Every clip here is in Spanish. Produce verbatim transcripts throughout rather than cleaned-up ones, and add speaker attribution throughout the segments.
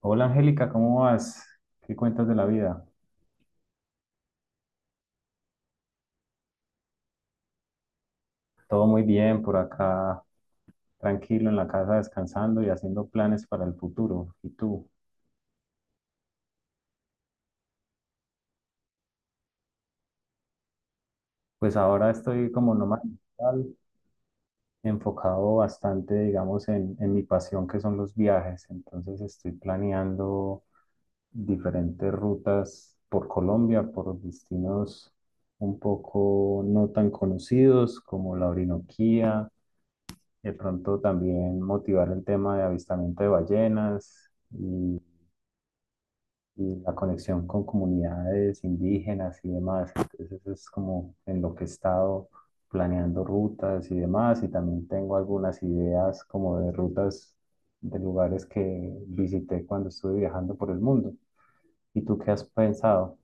Speaker 1: Hola Angélica, ¿cómo vas? ¿Qué cuentas de la vida? Todo muy bien por acá, tranquilo en la casa, descansando y haciendo planes para el futuro. ¿Y tú? Pues ahora estoy como nómada digital, enfocado bastante, digamos, en, en mi pasión que son los viajes. Entonces estoy planeando diferentes rutas por Colombia, por destinos un poco no tan conocidos como la Orinoquía. De pronto también motivar el tema de avistamiento de ballenas y, y la conexión con comunidades indígenas y demás. Entonces eso es como en lo que he estado planeando rutas y demás. Y también tengo algunas ideas como de rutas de lugares que visité cuando estuve viajando por el mundo. ¿Y tú qué has pensado?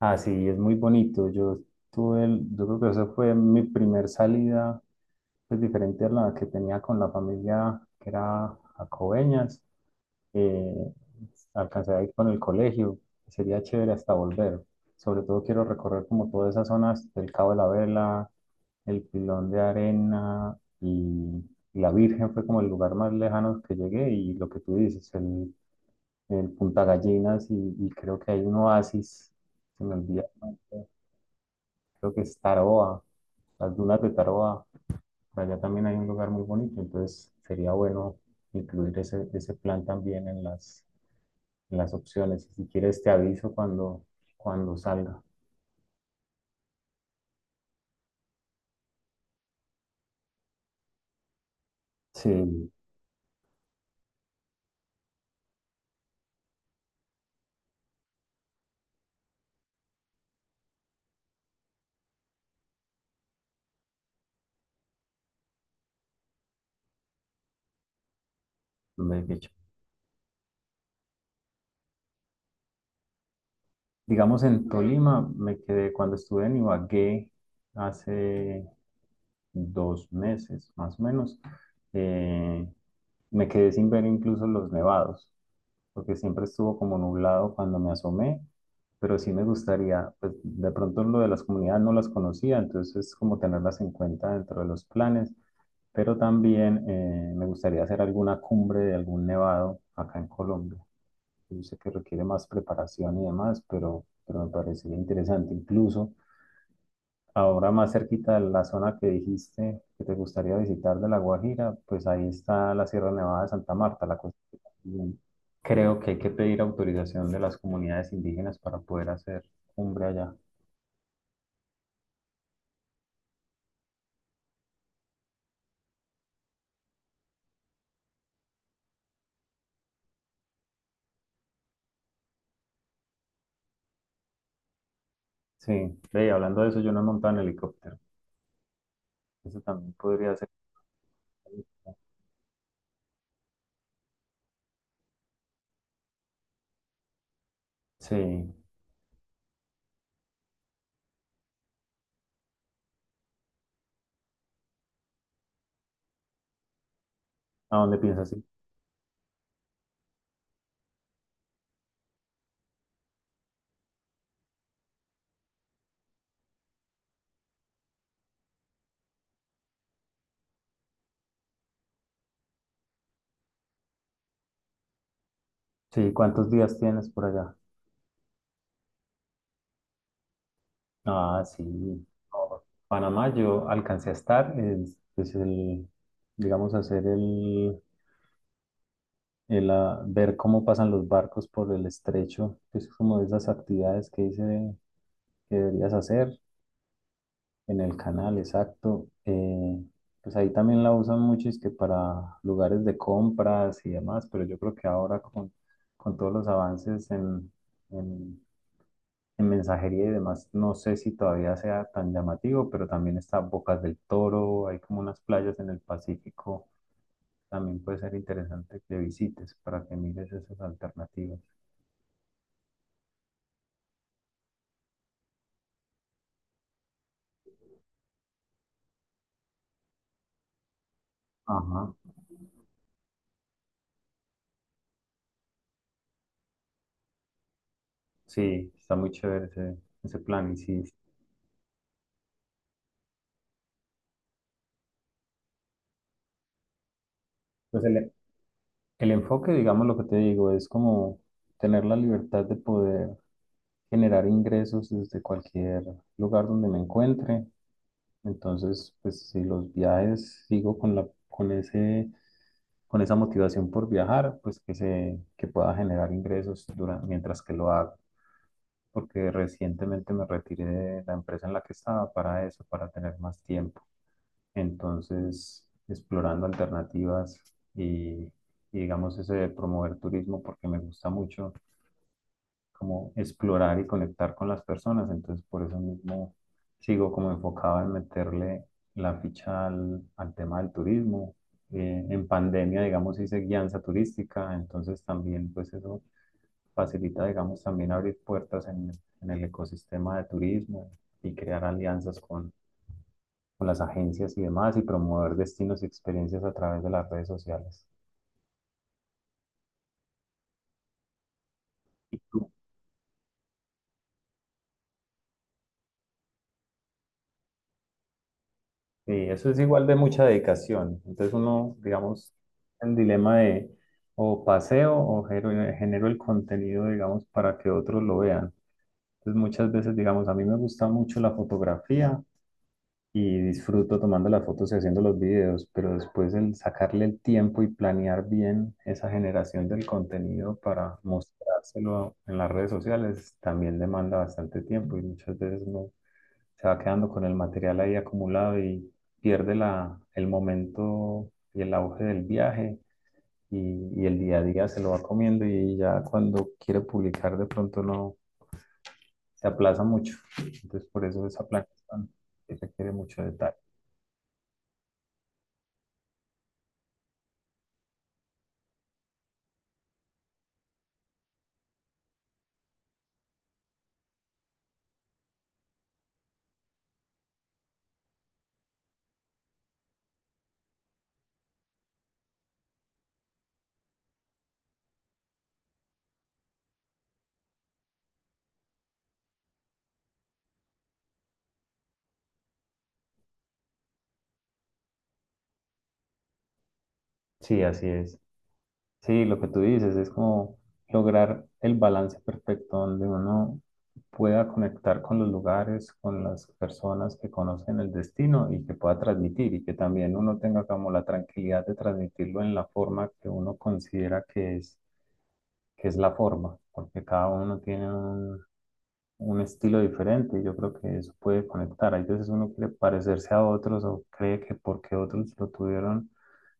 Speaker 1: Ah, sí, es muy bonito. Yo tuve, el- yo creo que esa fue mi primer salida pues diferente a la que tenía con la familia que era a Coveñas. eh, Alcancé a ir con el colegio, sería chévere hasta volver. Sobre todo quiero recorrer como todas esas zonas del Cabo de la Vela, el Pilón de Arena y, y la Virgen fue como el lugar más lejano que llegué, y lo que tú dices, el, el Punta Gallinas y, y creo que hay un oasis, se me olvida el nombre, creo que es Taroa, las dunas de Taroa. Por allá también hay un lugar muy bonito, entonces sería bueno incluir ese, ese plan también en las, en las opciones. Si quieres, te aviso cuando, cuando salga. Sí, me he dicho. Digamos, en Tolima me quedé cuando estuve en Ibagué hace dos meses, más o menos. eh, Me quedé sin ver incluso los nevados, porque siempre estuvo como nublado cuando me asomé, pero sí me gustaría, pues de pronto lo de las comunidades no las conocía, entonces como tenerlas en cuenta dentro de los planes, pero también eh, me gustaría hacer alguna cumbre de algún nevado acá en Colombia. Yo sé que requiere más preparación y demás, pero, pero me parecería interesante incluso. Ahora más cerquita de la zona que dijiste que te gustaría visitar de La Guajira, pues ahí está la Sierra Nevada de Santa Marta, la cosa creo que hay que pedir autorización de las comunidades indígenas para poder hacer cumbre allá. Sí, ve, y hablando de eso, yo no he montado en helicóptero. Eso también podría ser. Sí, ¿a dónde piensas ir? Sí, ¿cuántos días tienes por allá? Ah, sí. No, Panamá yo alcancé a estar, es, pues el, digamos, hacer el el ah, ver cómo pasan los barcos por el estrecho, que es como de esas actividades que dice que deberías hacer en el canal, exacto. Eh, pues ahí también la usan mucho, es que para lugares de compras y demás, pero yo creo que ahora con, con todos los avances en, en, en mensajería y demás, no sé si todavía sea tan llamativo, pero también está Bocas del Toro, hay como unas playas en el Pacífico, también puede ser interesante que visites para que mires esas alternativas. Ajá. Sí, está muy chévere ese, ese plan. Y sí, pues el, el enfoque, digamos lo que te digo, es como tener la libertad de poder generar ingresos desde cualquier lugar donde me encuentre. Entonces, pues si los viajes sigo con la, con ese, con esa motivación por viajar, pues que se, que pueda generar ingresos durante, mientras que lo hago. Porque recientemente me retiré de la empresa en la que estaba para eso, para tener más tiempo. Entonces, explorando alternativas y, y digamos ese de promover turismo porque me gusta mucho como explorar y conectar con las personas. Entonces, por eso mismo sigo como enfocado en meterle la ficha al, al tema del turismo. Eh, en pandemia, digamos, hice guianza turística, entonces también pues eso facilita, digamos, también abrir puertas en, en el ecosistema de turismo y crear alianzas con con las agencias y demás y promover destinos y experiencias a través de las redes sociales. Sí, eso es igual de mucha dedicación. Entonces uno, digamos, en dilema de o paseo o gero- genero el contenido, digamos, para que otros lo vean. Entonces muchas veces, digamos, a mí me gusta mucho la fotografía, y disfruto tomando las fotos y haciendo los videos, pero después el sacarle el tiempo y planear bien esa generación del contenido para mostrárselo en las redes sociales también demanda bastante tiempo y muchas veces uno se va quedando con el material ahí acumulado y pierde la, el momento y el auge del viaje y, y el día a día se lo va comiendo y ya cuando quiere publicar de pronto no se aplaza mucho. Entonces por eso esa planeación que requiere mucho detalle. Sí, así es. Sí, lo que tú dices es como lograr el balance perfecto donde uno pueda conectar con los lugares, con las personas que conocen el destino y que pueda transmitir, y que también uno tenga como la tranquilidad de transmitirlo en la forma que uno considera que es, que es la forma, porque cada uno tiene un estilo diferente. Yo creo que eso puede conectar. Hay veces uno quiere parecerse a otros o cree que porque otros lo tuvieron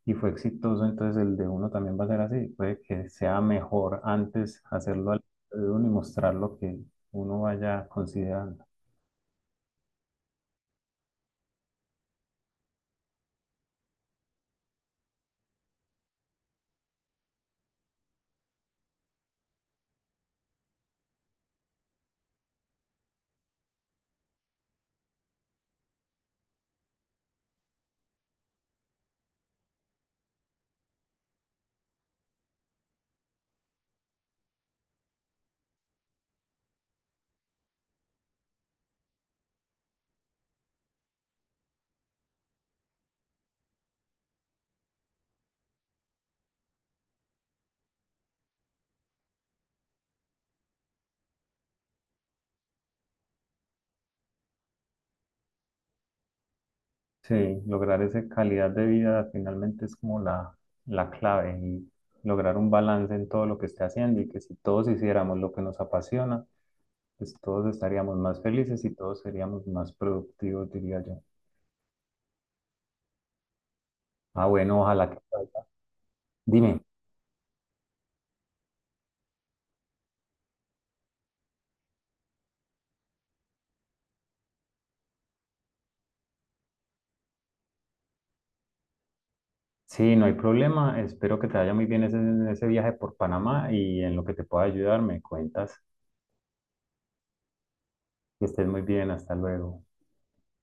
Speaker 1: y fue exitoso, entonces el de uno también va a ser así. Puede que sea mejor antes hacerlo al de uno y mostrar lo que uno vaya considerando. Sí, lograr esa calidad de vida finalmente es como la, la clave y lograr un balance en todo lo que esté haciendo y que si todos hiciéramos lo que nos apasiona, pues todos estaríamos más felices y todos seríamos más productivos, diría yo. Ah, bueno, ojalá que salga. Dime. Sí, no hay problema. Espero que te vaya muy bien ese, ese viaje por Panamá y en lo que te pueda ayudar me cuentas. Que estés muy bien. Hasta luego.